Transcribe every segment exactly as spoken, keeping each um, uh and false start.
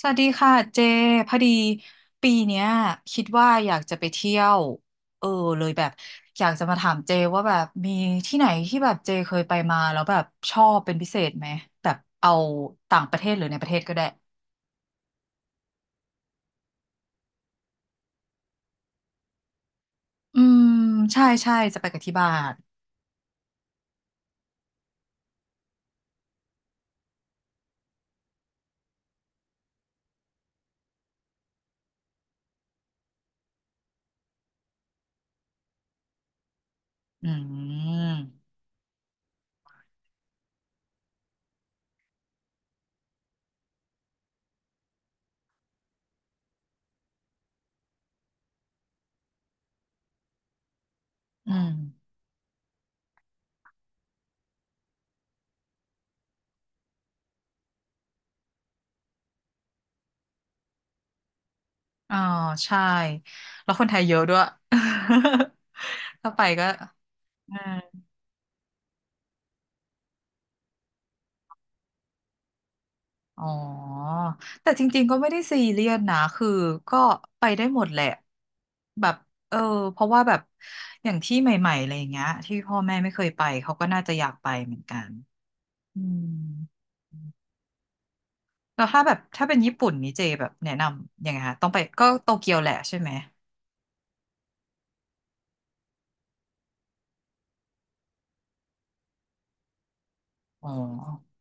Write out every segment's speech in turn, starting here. สวัสดีค่ะเจพอดีปีเนี้ยคิดว่าอยากจะไปเที่ยวเออเลยแบบอยากจะมาถามเจว่าแบบมีที่ไหนที่แบบเจเคยไปมาแล้วแบบชอบเป็นพิเศษไหมแบบเอาต่างประเทศหรือในประเทศก็ได้อืมใช่ใช่จะไปกับที่บ้านอืมอืมอ๋อใช่แล้วคนไทยเยอะด้วย ถ้าไปก็เออ อ๋อ แต่จริงๆ ก็ไม่ได้ซีเรียสนะคือก็ไปได้หมดแหละ แบบเออเพราะว่าแบบ อย่างที่ใหม่ๆอะไรอย่างเงี้ยที่พ่อแม่ไม่เคยไปเขาก็น่าจะอยากไปเหมือนกันอืมแล้วถ้าแบบถ้าเป็นญี่ปุ่นนี่เจแบบแนะนำยังไงคะต้องไปก็โตเกียวแหละใช่ไหม อ๋อ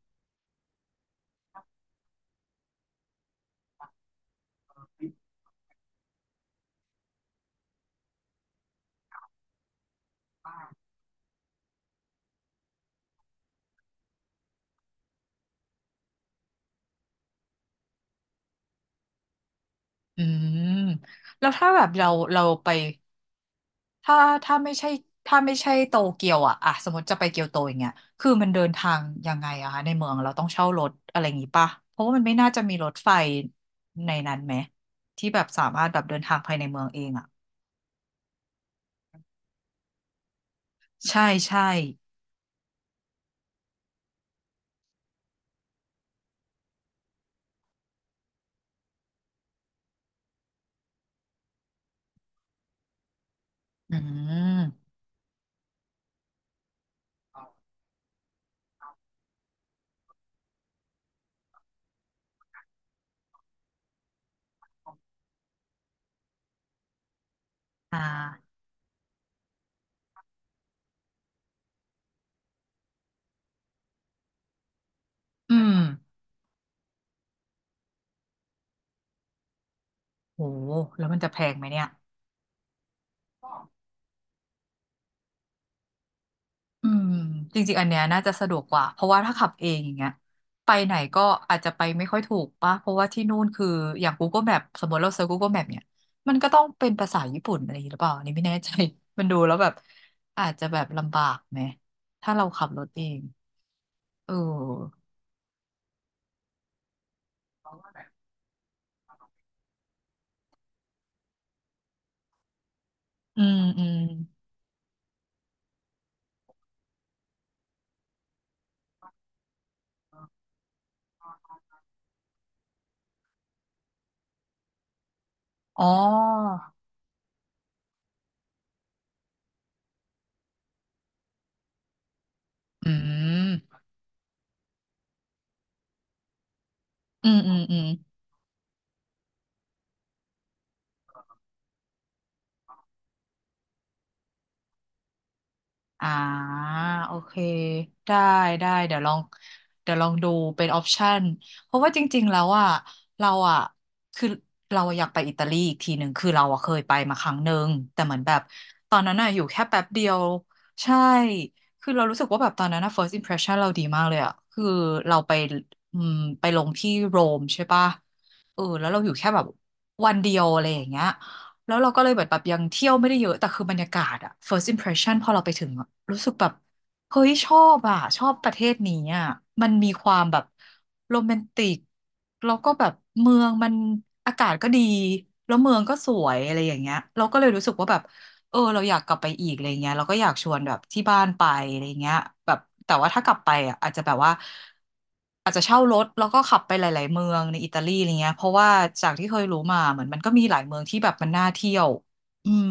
อืมแล้วถ้าแบบเราเราไป ถ้าถ้าไม่ใช่ถ้าไม่ใช่โตเกียวอะอะสมมติจะไปเกียวโตอย่างเงี้ยคือมันเดินทางยังไงอะคะในเมืองเราต้องเช่ารถอะไรอย่างงี้ป่ะเพราะว่ามันไม่น่าจะมีรถไฟในนั้นไหมที่แบบสามารถแบบเดินทางภายในเมืองเองอะใช่ใช่อืมอ่าอืมโหแล้วมันจะแพงไหมเนี่ย อืมจริงๆอันเนี้ยน่าจะสะดวกกว่าเพราะว่าถ้าขับเองอย่างเงี้ยไปไหนก็อาจจะไปไม่ค่อยถูกป่ะเพราะว่าที่นู่นคืออย่าง Google Map สมมติเราเซิร์ช กูเกิล แมพ เนี่ยมันก็ต้องเป็นภาษาญี่ปุ่นอะไรอย่างงี้หรือเปล่าอันนี้ไม่แน่ใจ มันดูแล้วแบบอาจจะแบบลำบากไหมถ้าเราขับรถเองเอออืมอืมอ๋ออืมอืมอืมอืม อ่าโอเคได้ได้เดี๋ยวลองเดี๋ยวลองดูเป็นออปชันเพราะว่าจริงๆแล้วอ่ะเราอ่ะคือเราอยากไปอิตาลีอีกทีหนึ่งคือเราอ่ะเคยไปมาครั้งหนึ่งแต่เหมือนแบบตอนนั้นอ่ะอยู่แค่แป๊บเดียวใช่คือเรารู้สึกว่าแบบตอนนั้นอ่ะ first impression เราดีมากเลยอ่ะคือเราไปอืมไปลงที่โรมใช่ปะเออแล้วเราอยู่แค่แบบวันเดียวอะไรอย่างเงี้ย แล้วเราก็เลยแบบแบบยังเที่ยวไม่ได้เยอะแต่คือบรรยากาศอะ first impression พอเราไปถึงอะรู้สึกแบบเฮ้ยชอบอะชอบประเทศนี้อะมันมีความแบบโรแมนติกแล้วก็แบบเมืองมันอากาศก็ดีแล้วเมืองก็สวยอะไรอย่างเงี้ยเราก็เลยรู้สึกว่าแบบ เออเราอยากกลับไปอีกอะไรเงี้ยเราก็อยากชวนแบบที่บ้านไปอะไรเงี้ยแบบแต่ว่าถ้ากลับไปอ่ะอาจจะแบบว่าอาจจะเช่ารถแล้วก็ขับไปหลายๆเมืองในอิตาลีอะไรเงี้ยเพราะว่าจากที่เคยรู้มาเหมือนมันก็มีหลายเมืองที่แบบมันน่าเที่ยวอืม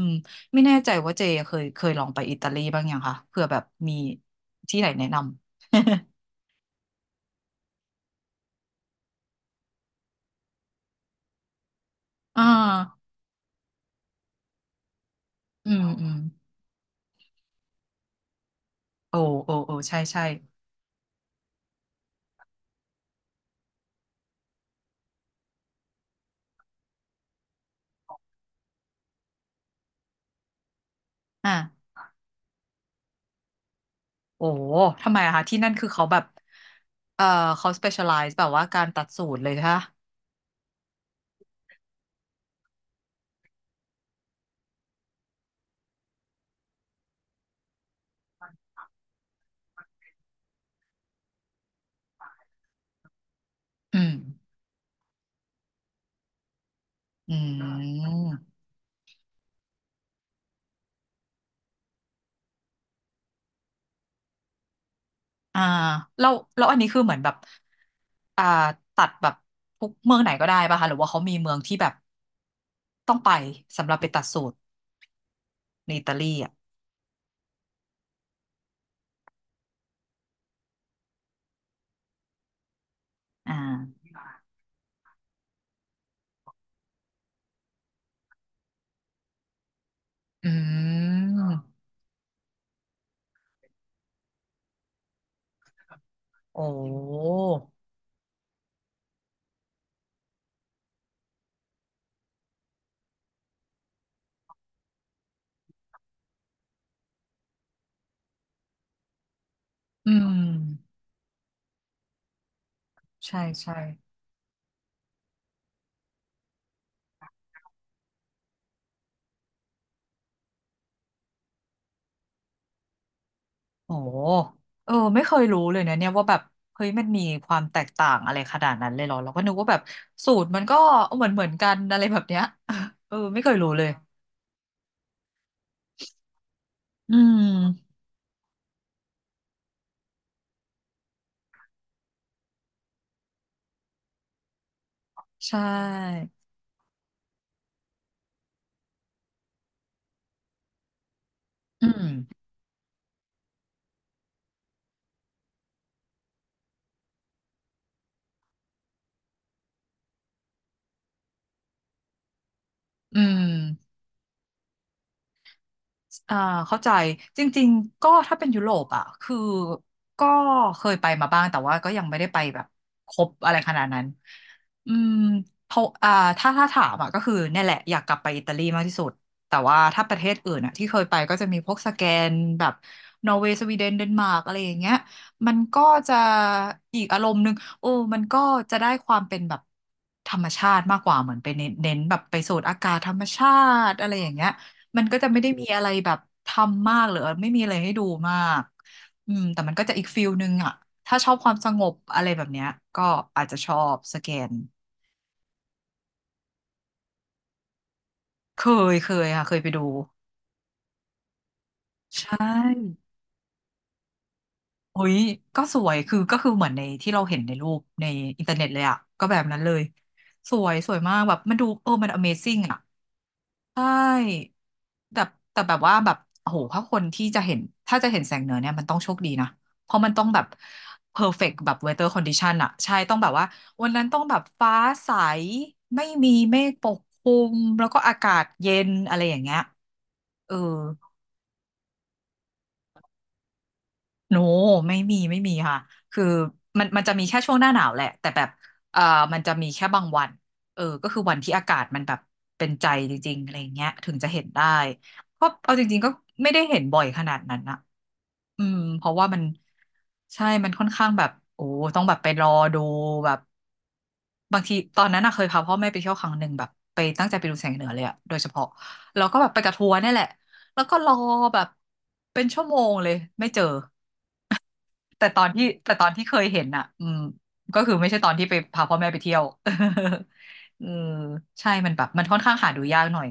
ไม่แน่ใจว่าเจเคยเคยลองไปอิตาลีบ้างยังคะเผื่อแบบมีที่ไหนแนะนำ อ่าอืมอืมโอ้โอ้โอ้ใช่ใช่อ่า โอ้ทำไมอะคะที่นั่นคือเขาแบบเอ่อเขา สเปเชียลไลซ์ แบบว่าการตัดสูตรเลยค่ะอืม อืม อ่าแล้วแล้วอันนี้คือเหมือนแบบอ่าตัดแบบทุกเมืองไหนก็ได้ป่ะคะหรือว่าเขามีเมืองที่แบบต้องไปสำหรับไปตัดสูตรในอิตาลีอ่ะอ่าอืมโอ้อืม ใช่ใช่ โอ้เออไม่เคยรู้เลยนะเนี่ยว่าแบบเฮ้ยมันมีความแตกต่างอะไรขนาดนั้นเลยเหรอเราก็นึกว่าแบบสูตรมันก็เหมือนเหมือนกันอะไรแบบเนี้ย เออไม่เคยรู้เลยอืมใช่อืมอืม อ่าเข้าใจจริงๆก็ถ้าเป็นยุโรปอ่ะคือก็เคยไปมาบ้างแต่ว่าก็ยังไม่ได้ไปแบบครบอะไรขนาดนั้นอืมเพราะอ่าถ้าถ้าถามอ่ะก็คือเนี่ยแหละอยากกลับไปอิตาลีมากที่สุดแต่ว่าถ้าประเทศอื่นอ่ะที่เคยไปก็จะมีพวกสแกนแบบนอร์เวย์สวีเดนเดนมาร์กอะไรอย่างเงี้ยมันก็จะอีกอารมณ์หนึ่งโอ้มันก็จะได้ความเป็นแบบธรรมชาติมากกว่าเหมือนไปเน้นเน้นแบบไปสูดอากาศธรรมชาติอะไรอย่างเงี้ย มันก็จะไม่ได้มีอะไรแบบทำมากหรือไม่มีอะไรให้ดูมากอืมแต่มันก็จะอีกฟิลนึงอ่ะถ้าชอบความสงบอะไรแบบเนี้ยก็อาจจะชอบสแกนเคยเคยค่ะเคยไปดูใช่โอ้ยก็สวยคือก็คือเหมือนในที่เราเห็นในรูปในอินเทอร์เน็ตเลยอ่ะก็แบบนั้นเลยสวยสวยมากแบบมันดูเออมัน อะเมซิ่ง อ่ะ ใช่แต่แต่แบบว่าแบบโอ้โหถ้าคนที่จะเห็น ถ้าจะเห็นแสงเหนือเนี่ยมันต้องโชคดีนะ เพราะมันต้องแบบเพอร์เฟกต์แบบ weather condition อะใช่ต้องแบบว่าวันนั้นต้องแบบ ฟ้าใส ไม่มีเมฆปกคลุม แล้วก็อากาศเย็นอะไรอย่างเงี้ยเออ โนไม่มีไม่มีค่ะคือมันมันจะมีแค่ช่วงหน้าหนาวแหละแต่แบบเอ่อมันจะมีแค่บางวันเออก็คือวันที่อากาศมันแบบเป็นใจจริงๆอะไรอย่างเงี้ยถึงจะเห็นได้ก็เอาจริงๆก็ไม่ได้เห็นบ่อยขนาดนั้นนะอืมเพราะว่ามันใช่มันค่อนข้างแบบโอ้ต้องแบบไปรอดูแบบบางทีตอนนั้นอะเคยพาพ่อแม่ไปเที่ยวครั้งหนึ่งแบบไปตั้งใจไปดูแสงเหนือเลยอะโดยเฉพาะแล้วก็แบบไปกับทัวร์เนี่ยแหละแล้วก็รอแบบเป็นชั่วโมงเลยไม่เจอ แต่ตอนที่แต่ตอนที่เคยเห็นอ่ะอืมก็คือไม่ใช่ตอนที่ไปพาพ่อแม่ไปเที่ยว เออใช่มันแบบมันค่อนข้างหาดูยากหน่อย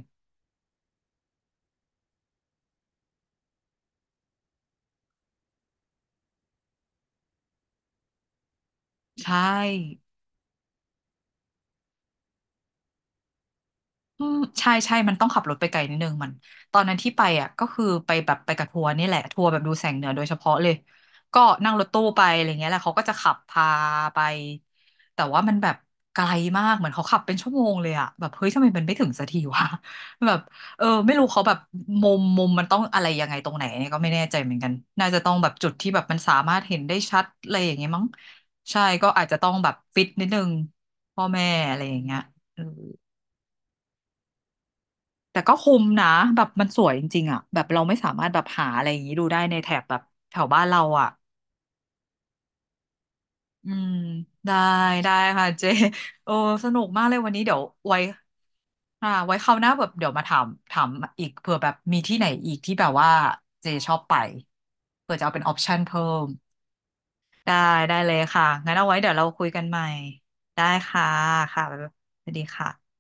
ใช่ อืมใช่ใช่ มันต้องขับรถไปไกลนิดนึงมันตอนนั้นที่ไปอ่ะก็คือไปแบบไปกับทัวร์นี่แหละทัวร์แบบดูแสงเหนือโดยเฉพาะเลยก็นั่งรถตู้ไปอะไรเงี้ยแหละเขาก็จะขับพาไปแต่ว่ามันแบบไกลมากเหมือนเขาขับเป็นชั่วโมงเลยอ่ะแบบเฮ้ยทำไมมันไม่ถึงสักทีวะ แบบเออไม่รู้เขาแบบมุมมุมมันต้องอะไรยังไงตรงไหนเนี่ยก็ไม่แน่ใจเหมือนกันน่าจะต้องแบบจุดที่แบบมันสามารถเห็นได้ชัดอะไรอย่างเงี้ยมั้งใช่ก็อาจจะต้องแบบฟิตนิดนึงพ่อแม่อะไรอย่างเงี้ยเออ แต่ก็คุ้มนะแบบมันสวยจริงๆอ่ะแบบเราไม่สามารถแบบหาอะไรอย่างนี้ดูได้ในแถบแบบแถวบ้านเราอ่ะอืมได้ได้ค่ะเจโอ้สนุกมากเลยวันนี้เดี๋ยวไว้อ่าไว้คราวหน้าแบบเดี๋ยวมาถามถามอีกเผื่อแบบมีที่ไหนอีกที่แบบว่าเจชอบไปเผื่อจะเอาเป็นออปชันเพิ่มได้ได้เลยค่ะงั้นเอาไว้เดี๋ยวเราคุยกันใหม่ได้ค่ะค่ะบ๊ายบายสวัสดีค่ะ